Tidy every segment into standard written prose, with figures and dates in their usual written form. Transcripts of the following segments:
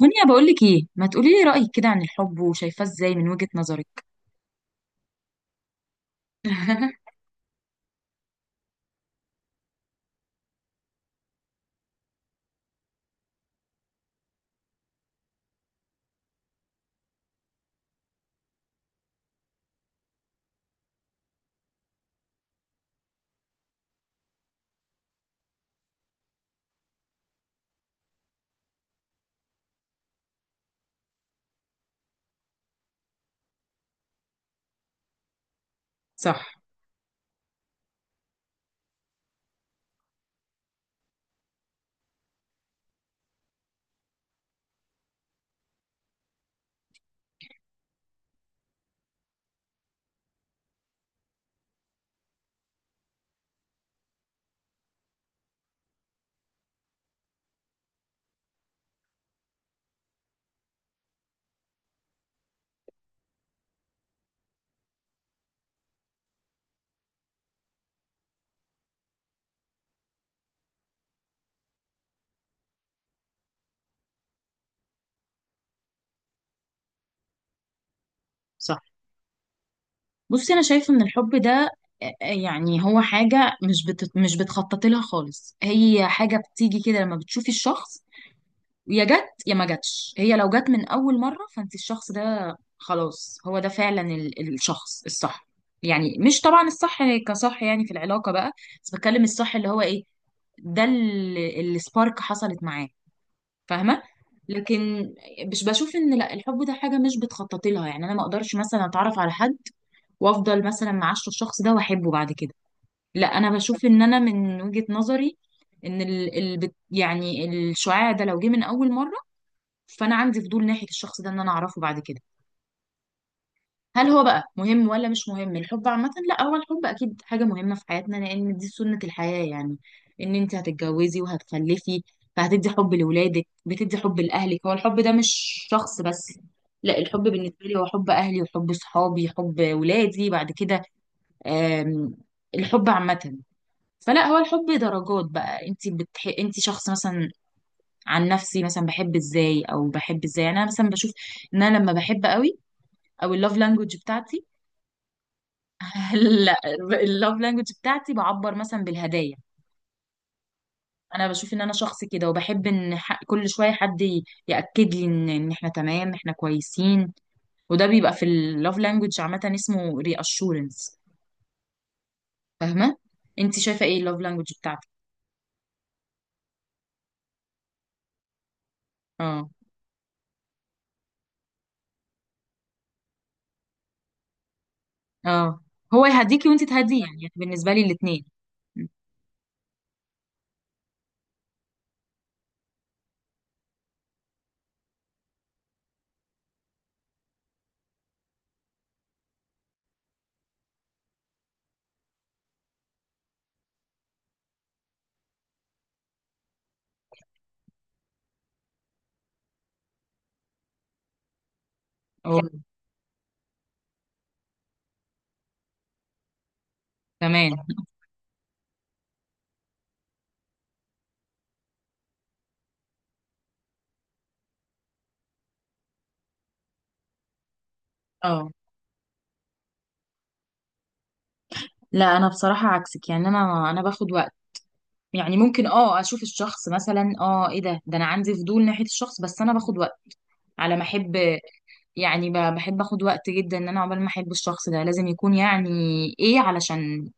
دنيا، بقول لك ايه؟ ما تقولي لي رأيك كده عن الحب وشايفاه ازاي من وجهة نظرك. صح، صح. بصي، انا شايفه ان الحب ده يعني هو حاجه مش بتخططي لها خالص. هي حاجه بتيجي كده لما بتشوفي الشخص. يا جت يا ما جاتش. هي لو جت من اول مره فانت الشخص ده، خلاص هو ده فعلا الشخص الصح. يعني مش طبعا الصح كصح يعني في العلاقه بقى، بس بتكلم الصح اللي هو ايه. ده اللي السبارك حصلت معاه، فاهمه. لكن مش بشوف ان لا، الحب ده حاجه مش بتخططي لها. يعني انا ما اقدرش مثلا اتعرف على حد وافضل مثلا معاشره الشخص ده واحبه بعد كده. لا، انا بشوف ان انا من وجهه نظري ان يعني الشعاع ده لو جه من اول مره، فانا عندي فضول ناحيه الشخص ده ان انا اعرفه بعد كده. هل هو بقى مهم ولا مش مهم الحب عامة؟ لا، هو الحب اكيد حاجة مهمة في حياتنا، لان دي سنة الحياة يعني. ان انت هتتجوزي وهتخلفي، فهتدي حب لولادك، بتدي حب لاهلك. هو الحب ده مش شخص بس. لا، الحب بالنسبة لي هو حب اهلي وحب صحابي، حب ولادي بعد كده. آم، الحب عامة. فلا، هو الحب درجات بقى. انت شخص مثلا. عن نفسي، مثلا بحب ازاي او بحب ازاي، يعني انا مثلا بشوف ان انا لما بحب قوي، او اللوف لانجوج بتاعتي. لا، اللوف لانجوج بتاعتي بعبر مثلا بالهدايا. انا بشوف ان انا شخص كده، وبحب كل شويه حد ياكد لي ان احنا تمام، احنا كويسين. وده بيبقى في اللوف لانجوج، عامه اسمه ري اشورنس، فاهمه. انت شايفه ايه اللوف لانجوج بتاعتك؟ اه، اه. هو يهديكي وانت تهديه، يعني بالنسبه لي الاثنين. اه. تمام. اه. لا، انا بصراحه عكسك. يعني انا باخد وقت. يعني ممكن اشوف الشخص مثلا، ايه ده انا عندي فضول ناحيه الشخص، بس انا باخد وقت على ما احب. يعني بحب اخد وقت جدا، ان انا عقبال ما احب الشخص ده لازم يكون يعني ايه، علشان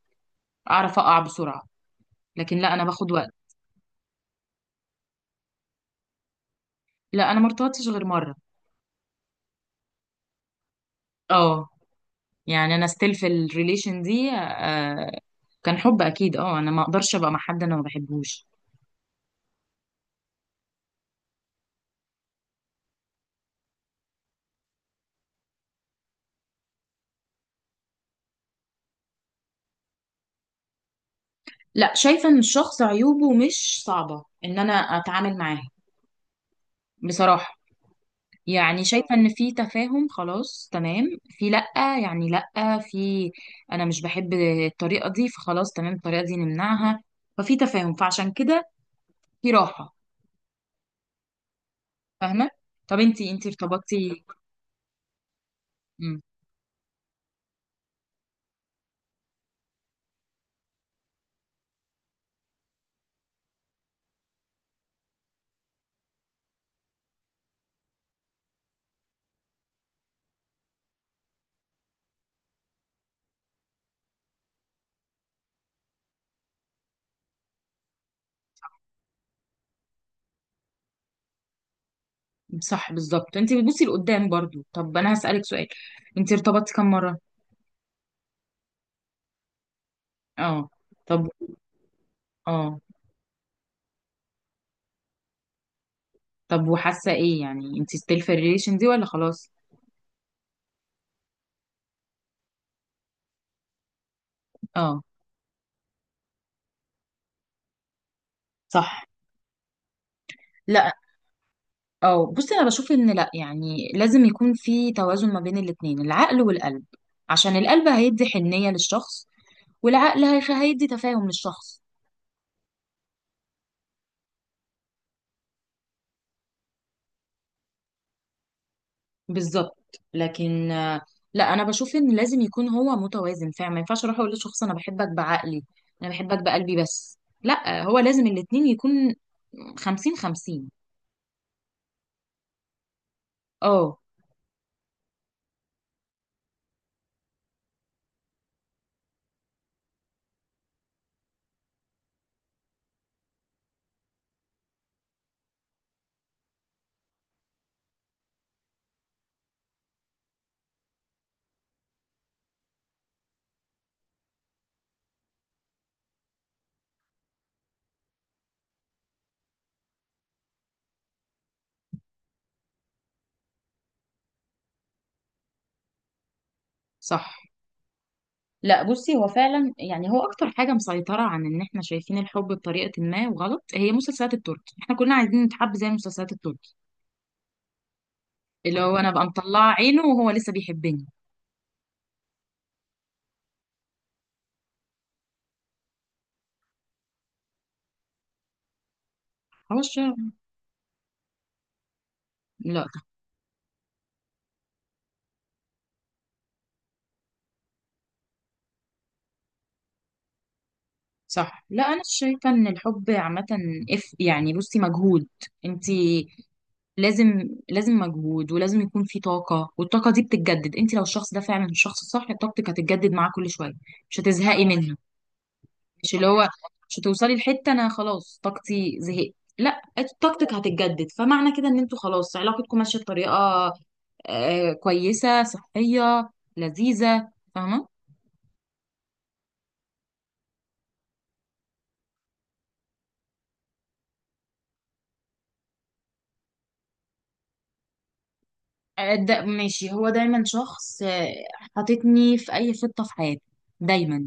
اعرف اقع بسرعة. لكن لا، انا باخد وقت. لا، انا ما ارتبطتش غير مرة. اه. يعني انا ستيل في الريليشن دي. كان حب اكيد. اه انا ما اقدرش ابقى مع حد انا ما بحبهوش. لا، شايفة ان الشخص عيوبه مش صعبة ان انا اتعامل معاها، بصراحة. يعني شايفة ان في تفاهم، خلاص تمام. في، لأ، يعني لأ، في، انا مش بحب الطريقة دي، فخلاص تمام الطريقة دي نمنعها. ففي تفاهم، فعشان كده في راحة، فاهمة. طب انتي ارتبطتي؟ مم. صح، بالظبط، انتي بتبصي لقدام برضو. طب انا هسألك سؤال، انتي ارتبطتي كم مرة؟ اه. طب. اه. طب، وحاسة ايه يعني؟ انتي ستيل في الريليشن دي ولا خلاص؟ اه. صح. لا. اه، بصي انا بشوف ان لا، يعني لازم يكون في توازن ما بين الاتنين، العقل والقلب. عشان القلب هيدي حنية للشخص، والعقل هيدي تفاهم للشخص. بالظبط، لكن، لا انا بشوف ان لازم يكون هو متوازن فعلا. ما ينفعش اروح اقول لشخص انا بحبك بعقلي، انا بحبك بقلبي، بس لا، هو لازم الاتنين يكون خمسين خمسين. اه. صح. لا، بصي هو فعلا. يعني هو اكتر حاجه مسيطره عن ان احنا شايفين الحب بطريقه ما وغلط، هي مسلسلات التركي. احنا كلنا عايزين نتحب زي مسلسلات التركي. اللي هو انا ابقى مطلعه عينه وهو لسه بيحبني. خلاص. لا. صح. لا، انا شايفه ان الحب عامه، اف، يعني بصي مجهود. انت لازم مجهود، ولازم يكون في طاقه، والطاقه دي بتتجدد. انت لو الشخص ده فعلا الشخص الصح، طاقتك هتتجدد معاه كل شويه، مش هتزهقي منها. مش اللي هو مش هتوصلي لحته انا خلاص طاقتي زهقت. لا، طاقتك هتتجدد. فمعنى كده ان انتوا خلاص علاقتكم ماشيه بطريقه كويسه، صحيه، لذيذه، فاهمه. ده ماشي. هو دايما شخص، حاططني في اي خطه في حياته. دايما.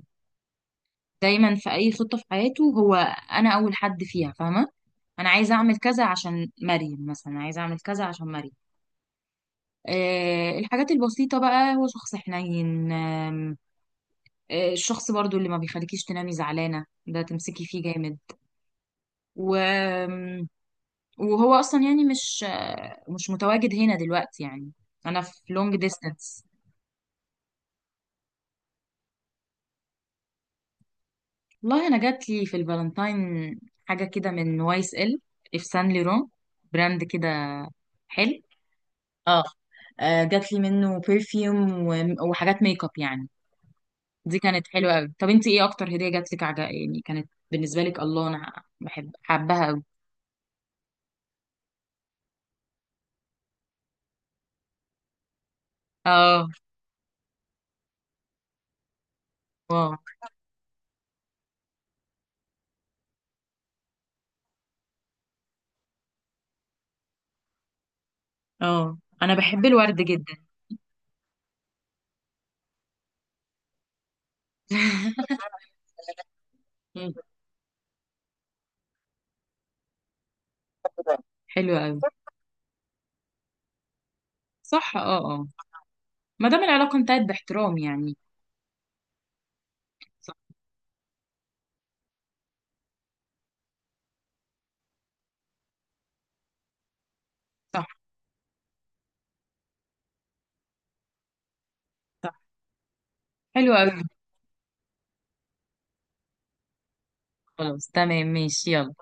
دايما في اي خطه في حياته، هو انا اول حد فيها، فاهمه. انا عايزه اعمل كذا عشان مريم، مثلا عايزه اعمل كذا عشان مريم. الحاجات البسيطة بقى، هو شخص حنين. الشخص برضو اللي ما بيخليكيش تنامي زعلانة، ده تمسكي فيه جامد. و... وهو أصلا يعني مش متواجد هنا دلوقتي يعني. أنا في لونج ديستانس. والله، أنا جات لي في الفالنتاين حاجة كده من واي اس ال، في سان ليرون، براند كده حلو. اه. جات لي منه برفيوم، وحاجات ميك اب يعني. دي كانت حلوة قوي. طب انت ايه اكتر هدية جات لك عجب، يعني كانت بالنسبة لك؟ الله، انا بحب حبها قوي. اه. واو. اه، انا بحب الورد جدا. مم. حلو قوي. صح، اه، اه، ما دام العلاقه انتهت باحترام يعني. صح، صح، صح. حلو قوي. خلاص تمام، ماشي، يلا.